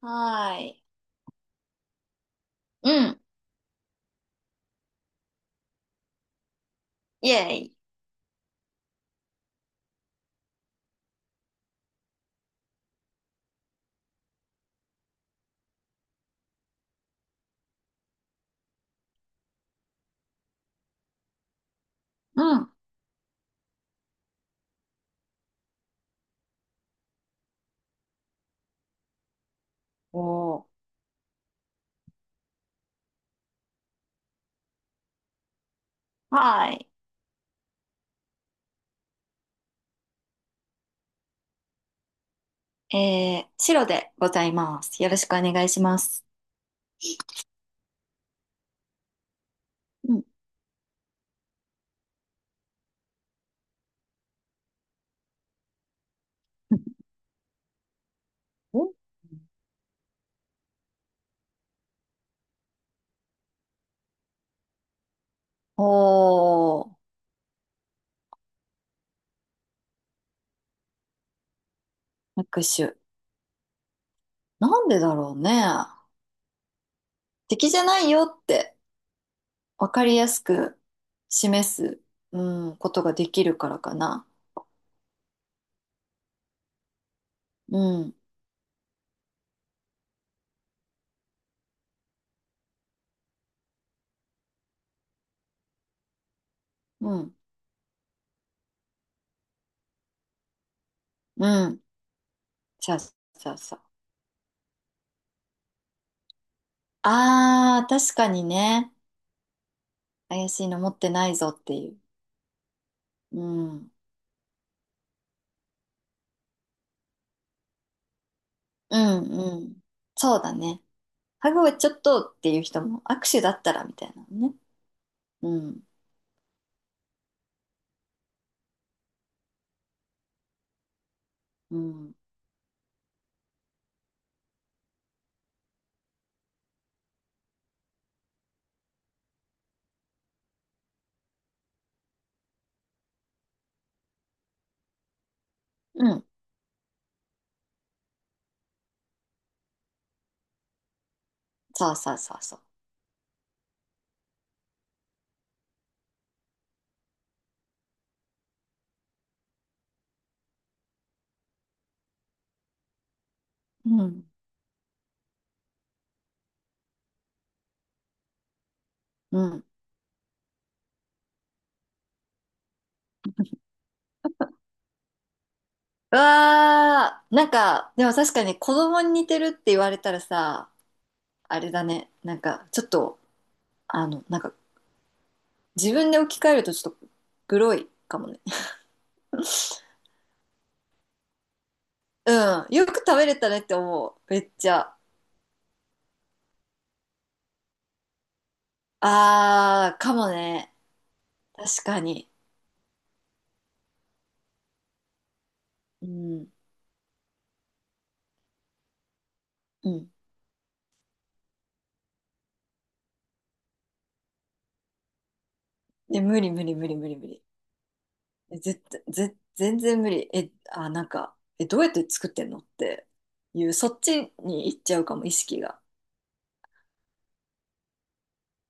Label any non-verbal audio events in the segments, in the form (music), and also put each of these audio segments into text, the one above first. はーい。うん。イェイ。うん。おー、はーい。白でございます。よろしくお願いします。うん。(laughs) おおー、拍手。なんでだろうね。敵じゃないよって分かりやすく示す、うん、ことができるからかな。うん、うん、うん。そうそうそう。あー、確かにね。怪しいの持ってないぞっていう。うん。うんうん。そうだね。ハグはちょっとっていう人も握手だったらみたいなのね。うん。うん。うん。そうそうそうそう。うん。うん。うわー、なんか、でも確かに子供に似てるって言われたらさ、あれだね。なんか、ちょっと、なんか、自分で置き換えるとちょっと、グロいかもね。(laughs) うん。よく食べれたねって思う。めっちゃ。あー、かもね。確かに。うん。うん。で、無理無理無理無理無理。え絶対、全然無理。え、あ、なんか、え、どうやって作ってんのっていう、そっちに行っちゃうかも、意識が。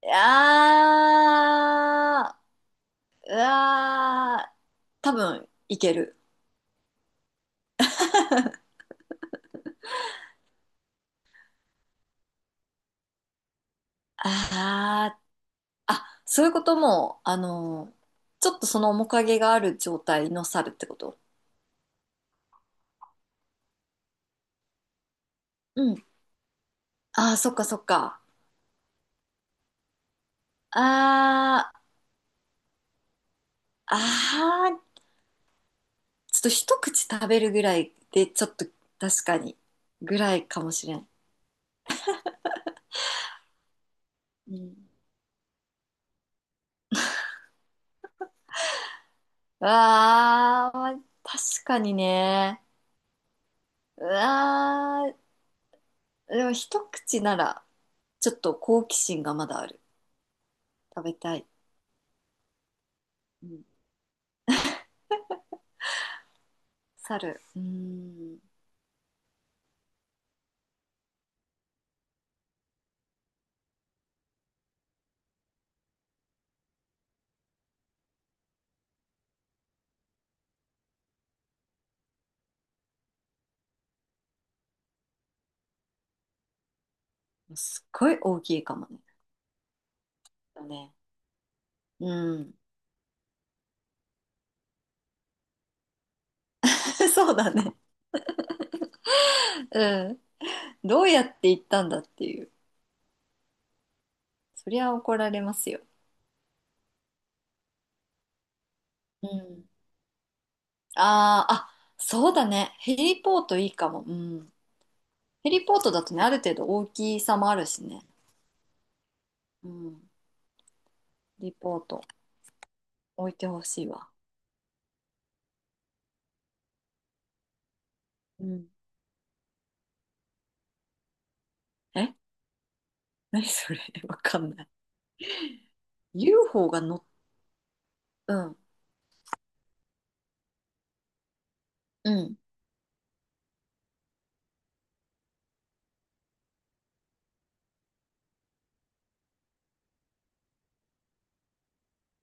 いやー、うわー、多分いける。あー、あ、そういうことも、ちょっとその面影がある状態の猿ってこと。うん。あー、そっかそっか。あー、あー、ちょっと一口食べるぐらいで、ちょっと確かに、ぐらいかもしれん。うん。わー、まあ確かにね。うわー、でも一口なら、ちょっと好奇心がまだある。食べたい。うん。猿。うーん。すっごい大きいかもね。だね。うん。(laughs) そうだね。うん。どうやって行ったんだっていう。そりゃ怒られますよ。うん。あー、あ、そうだね。ヘリポートいいかも。うん。ヘリポートだとね、ある程度大きさもあるしね。うん。ヘリポート置いてほしいわ。うん。え、何それ。 (laughs) わかんない。UFO が乗っ、うん、うん。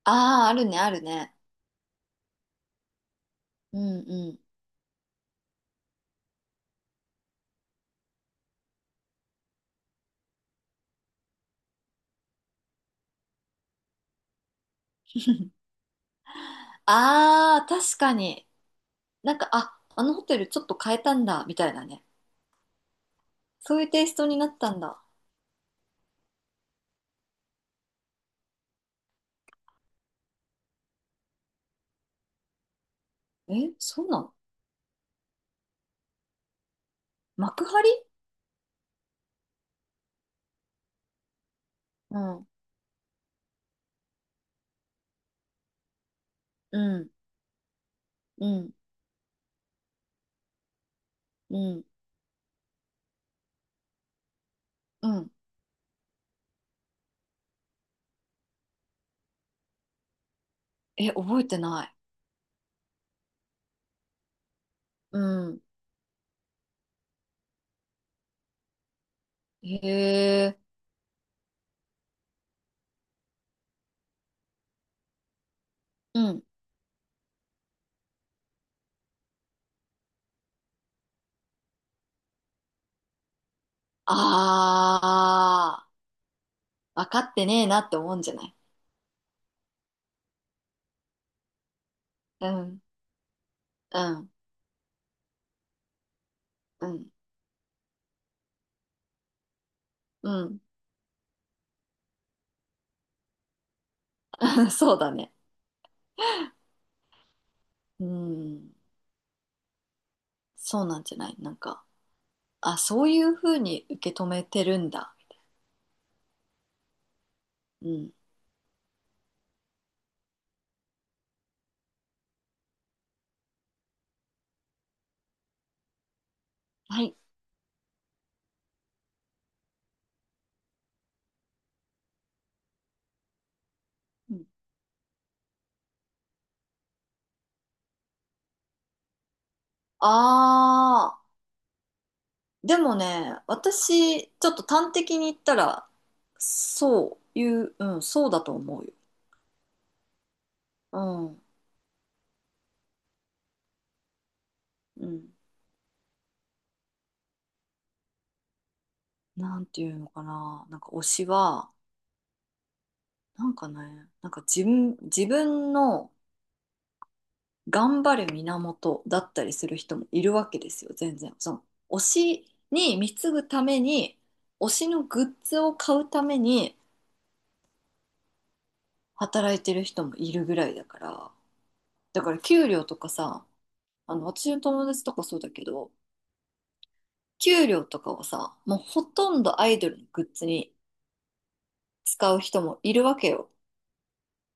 ああ、あるね、あるね。うんうん。ああ、確かに。なんか、あ、あのホテルちょっと変えたんだ、みたいなね。そういうテイストになったんだ。え、そうなの。幕張。うん、うん、うん、うん、うん。え、覚えてない。うん。へえ。うん。ああ、分かってねえなって思うんじゃない。うん、うん、うん、うん。(laughs) そうだね。うん、そうなんじゃない。なんか、あ、そういうふうに受け止めてるんだ。うん。はい。うん。ああ、でもね、私、ちょっと端的に言ったら、そういう、うん、そうだと思うよ。うん、うん。なんていうのかな。なんか推しは、なんかね、なんか自分、自分の、頑張る源だったりする人もいるわけですよ、全然。その推しに貢ぐために、推しのグッズを買うために働いてる人もいるぐらいだから、だから給料とかさ、あの私の友達とかそうだけど、給料とかをさ、もうほとんどアイドルのグッズに使う人もいるわけよ、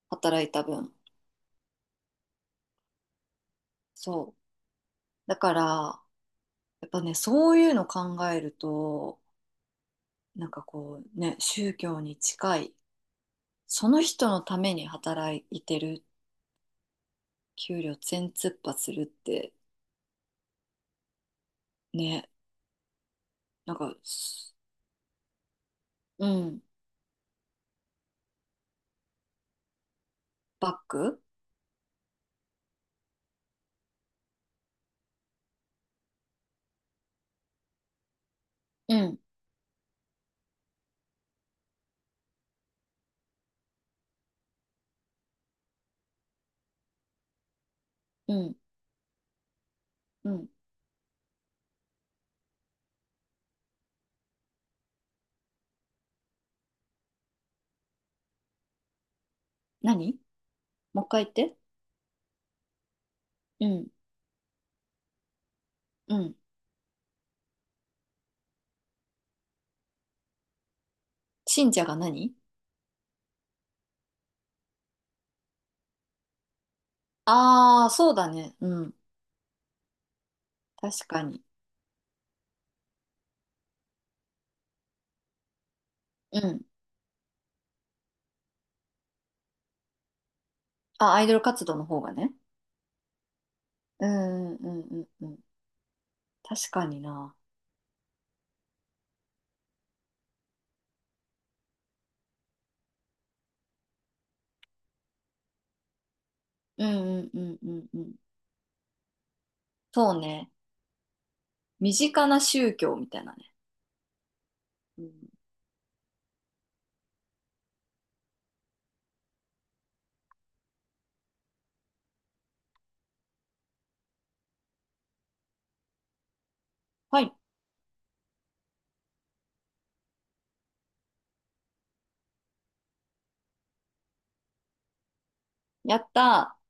働いた分。そう。だから、やっぱね、そういうの考えると、なんかこうね、宗教に近い。その人のために働いてる、給料全突破するってね、なんか、す。うん、バック。うん、うん、うん。何？もう一回言って。うん、うん。信者が何？ああー、そうだね。うん、確かに。うん。あ、アイドル活動の方がね。うん、うん、うん、うん。確かにな。うん、うん、うん、うん。うん。そうね。身近な宗教みたいなね。うん、はい、やったー。